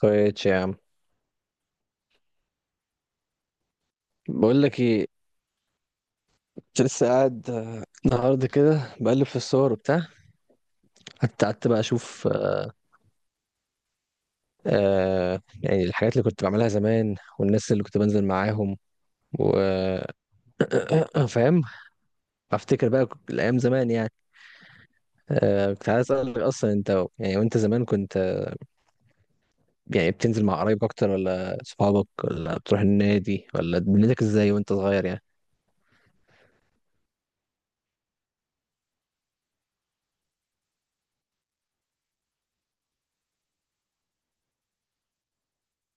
كويس يا عم. بقول لك ايه، كنت لسه قاعد النهارده كده بقلب في الصور وبتاع. حتى قعدت بقى اشوف يعني الحاجات اللي كنت بعملها زمان والناس اللي كنت بنزل معاهم وفاهم. افتكر بقى الايام زمان يعني. كنت عايز اسالك، اصلا انت يعني وانت زمان كنت يعني بتنزل مع قرايبك اكتر ولا صحابك ولا بتروح النادي، ولا دنيتك ازاي وانت صغير يعني؟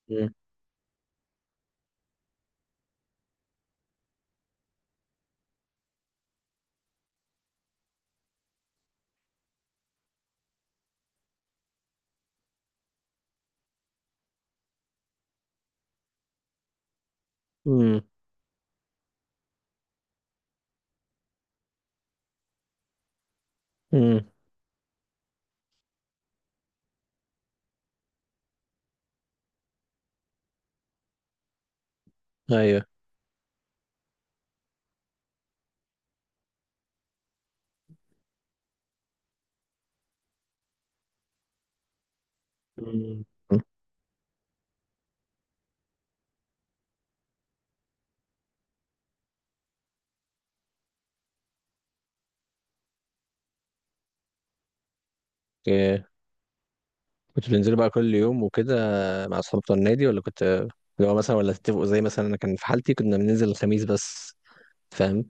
امم. امم. ايوه. مم. كنت بتنزلوا بقى كل يوم وكده مع اصحاب بتوع النادي، ولا كنت لو مثلا ولا تتفقوا، زي مثلا انا كان في حالتي كنا بننزل الخميس بس، فاهم؟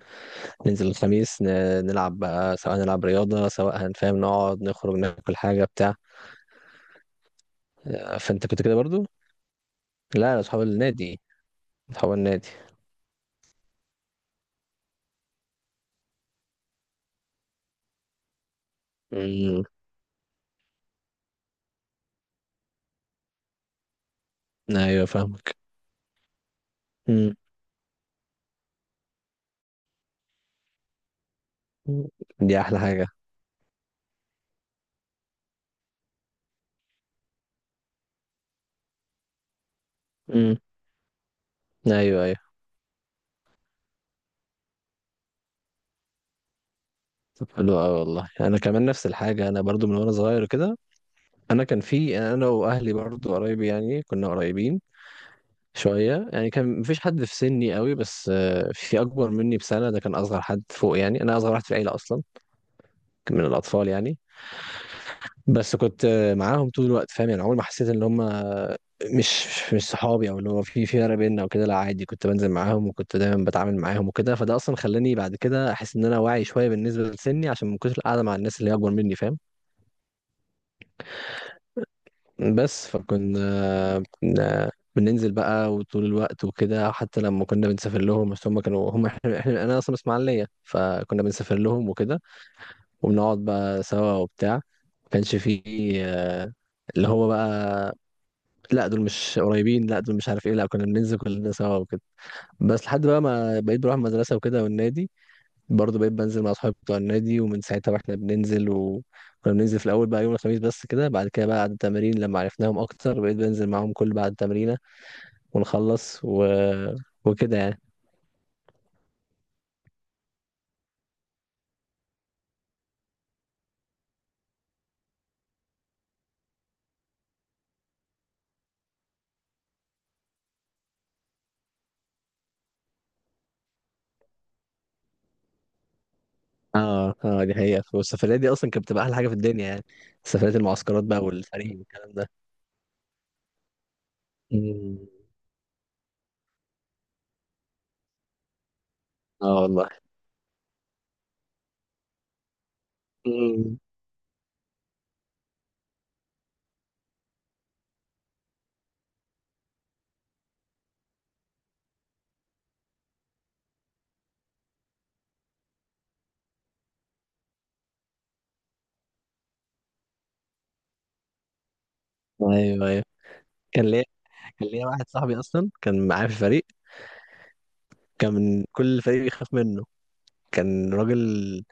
ننزل الخميس نلعب بقى، سواء نلعب رياضة سواء هنفهم نقعد نخرج ناكل حاجة بتاع فانت كنت كده برضو؟ لا، لا، اصحاب النادي. اصحاب النادي. امم. ايوه فاهمك. امم. دي احلى حاجة. امم. ايوه، ايوه. طب حلو قوي والله، انا كمان نفس الحاجة. انا برضو من وانا صغير كده، انا كان في انا واهلي برضو قرايبي يعني كنا قريبين شوية يعني. كان مفيش حد في سني قوي، بس في أكبر مني بسنة ده كان أصغر حد فوق يعني. أنا أصغر واحد في العيلة أصلا، من الأطفال يعني. بس كنت معاهم طول الوقت، فاهم؟ يعني عمري ما حسيت إن هم مش مش صحابي، أو اللي هو في فرق بيننا وكده. لا عادي، كنت بنزل معاهم وكنت دايما بتعامل معاهم وكده. فده أصلا خلاني بعد كده أحس إن أنا واعي شوية بالنسبة لسني، عشان ما كنتش قاعدة مع الناس اللي هي أكبر مني، فاهم؟ بس فكنا بننزل بقى وطول الوقت وكده. حتى لما كنا بنسافر لهم، بس هم كانوا هم احنا انا اصلا من اسماعيليه، فكنا بنسافر لهم وكده، وبنقعد بقى سوا وبتاع. ما كانش فيه آه، اللي هو بقى لا دول مش قريبين، لا دول مش عارف ايه، لا كنا بننزل كلنا سوا وكده. بس لحد بقى ما بقيت بروح المدرسه وكده والنادي، برضه بقيت بنزل مع اصحابي بتوع النادي. ومن ساعتها بقى احنا بننزل، وكنا بننزل في الاول بقى يوم الخميس بس كده. بعد كده بقى بعد التمارين لما عرفناهم اكتر، بقيت بنزل معاهم كل بعد التمرين، ونخلص و... وكده يعني. اه، اه، دي حقيقة. والسفريات دي اصلا كانت بتبقى احلى حاجة في الدنيا يعني، سفريات المعسكرات بقى والفريق والكلام ده. مم. اه والله. مم. ايوه، ايوه. كان ليا كان ليا واحد صاحبي اصلا كان معايا في الفريق، كان كل الفريق بيخاف منه. كان راجل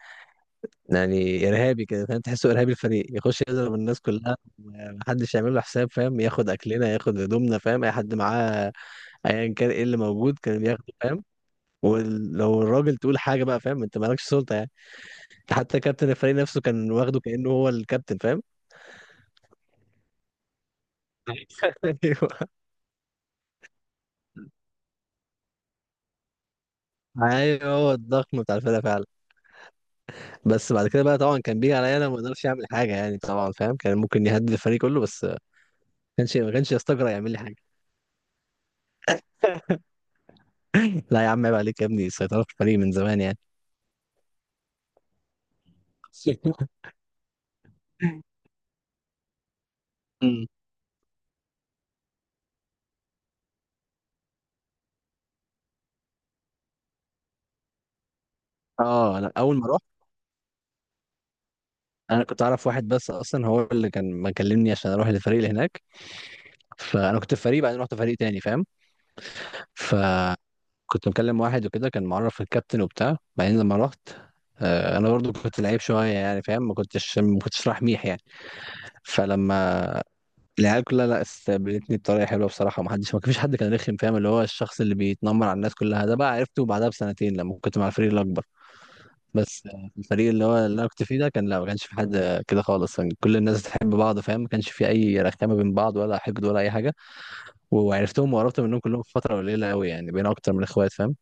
يعني ارهابي كده، فاهم؟ تحسه ارهابي الفريق، يخش يضرب الناس كلها، محدش يعمل له حساب، فاهم؟ ياخد اكلنا، ياخد هدومنا، فاهم؟ اي حد معاه ايا كان ايه اللي موجود كان بياخده، فاهم؟ ولو الراجل تقول حاجه بقى، فاهم؟ انت مالكش سلطه يعني. انت حتى كابتن الفريق نفسه كان واخده كانه هو الكابتن، فاهم؟ ايوه. ايوه، هو الضخم بتاع الفرقه فعلا. بس بعد كده بقى طبعا كان بيجي عليا انا ما اقدرش اعمل حاجه يعني طبعا، فاهم؟ كان ممكن يهدد الفريق كله، بس ما كانش يستجرأ يعمل لي حاجه. لا يا عم، عيب عليك يا ابني، السيطره في الفريق من زمان يعني. مم. اه، انا اول ما رحت، انا كنت اعرف واحد بس اصلا، هو اللي كان مكلمني عشان اروح للفريق اللي هناك. فانا كنت في فريق، بعدين رحت فريق تاني، فاهم؟ ف كنت مكلم واحد وكده، كان معرف الكابتن وبتاع، بعدين لما رحت انا برضو كنت لعيب شويه يعني، فاهم؟ ما كنتش رايح ميح يعني. فلما العيال كلها لا، استقبلتني بطريقه حلوه بصراحه، ما فيش حد كان رخم، فاهم؟ اللي هو الشخص اللي بيتنمر على الناس كلها ده بقى عرفته بعدها بسنتين، لما كنت مع الفريق الاكبر. بس الفريق اللي هو اللي انا كنت فيه ده كان لا، ما كانش في حد كده خالص، كان كل الناس بتحب بعض، فاهم؟ ما كانش في اي رخامه بين بعض، ولا حقد ولا اي حاجه. وعرفتهم وقربت منهم كلهم في فتره قليله قوي يعني، بين اكتر من اخوات، فاهم؟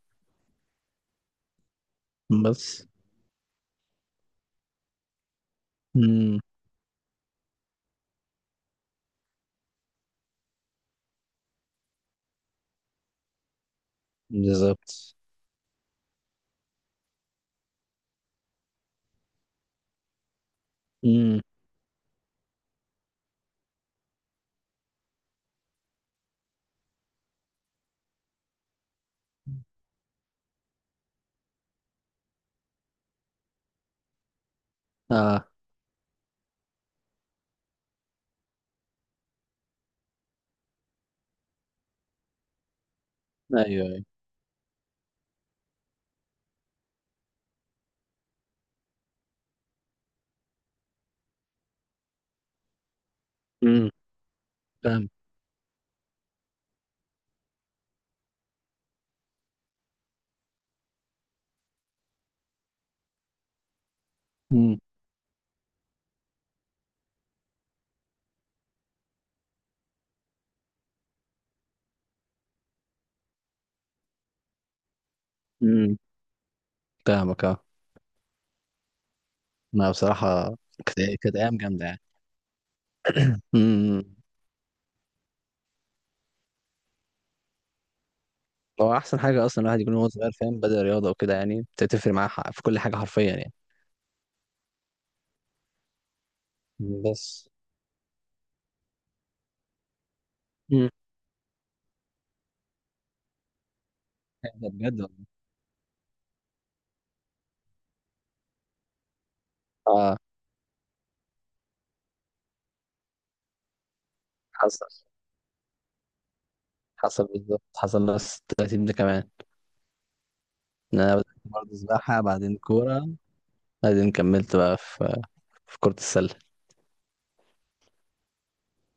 بس. بالظبط. امم. اه، ايوه، ايوه. امم. فاهم. امم. امم. فاهمك، اه. ما بصراحه كانت ايام جامده يعني. امم. هو احسن حاجه اصلا الواحد يكون وهو صغير، فاهم؟ بدا رياضه وكده، يعني بتفرق معاه في كل حاجه حرفيا يعني. بس. امم. ده بجد والله. اه حصل. حصل بالظبط، حصل نفس التلاتين ده كمان. إن انا بدات برضه سباحه، بعدين كوره، بعدين كملت بقى في كره السله.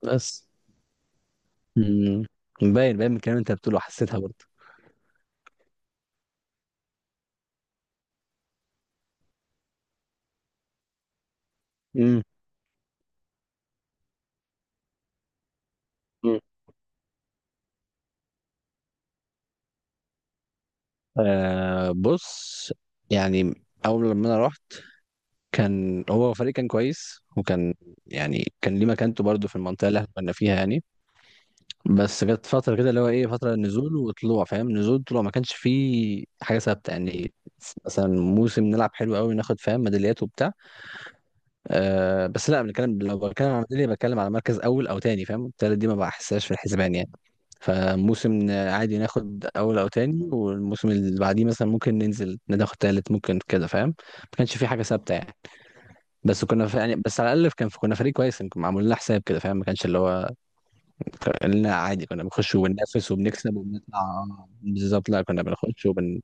بس. امم. باين باين من الكلام اللي انت بتقوله حسيتها برضه. مم. آه بص، يعني اول لما انا رحت كان هو فريق كان كويس، وكان يعني كان ليه مكانته برضه في المنطقه اللي احنا كنا فيها يعني. بس جت فتره كده اللي هو ايه، فتره نزول وطلوع، فاهم؟ نزول طلوع، ما كانش فيه حاجه ثابته يعني. مثلا موسم نلعب حلو قوي، ناخد فاهم ميداليات وبتاع. أه بس لا، بنتكلم لو بتكلم على ميدالية بتكلم على مركز اول او تاني، فاهم؟ التالت دي ما بحسهاش في الحسبان يعني. فموسم عادي ناخد اول او تاني، والموسم اللي بعديه مثلا ممكن ننزل ناخد تالت ممكن كده، فاهم؟ ما كانش في حاجه ثابته يعني. بس كنا ف... يعني بس على الاقل كان في، كنا فريق كويس كنا معمول لنا حساب كده، فاهم؟ ما كانش اللي هو، قلنا عادي كنا بنخش وبننافس وبنكسب وبنطلع بالظبط. لا كنا بنخش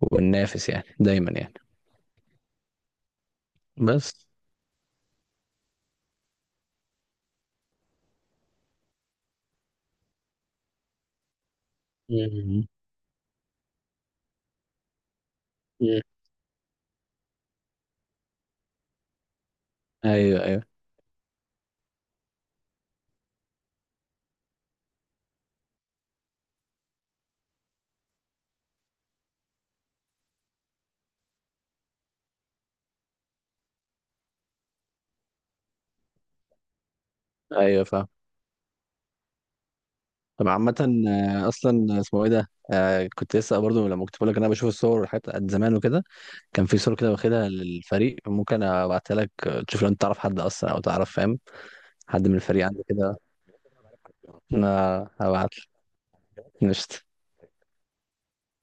وبننافس يعني دايما يعني. بس. مم. مم. ايوه، ايوه. ايوه فاهم. طب عامة، أصلا اسمه إيه ده؟ كنت لسه برضو لما كنت بقول لك إن أنا بشوف الصور والحاجات قد زمان وكده، كان في صور كده واخدها للفريق، ممكن أبعتها لك تشوف لو أنت تعرف حد أصلا، أو تعرف فاهم حد من الفريق عنده كده. أنا هبعت لك. قشطة.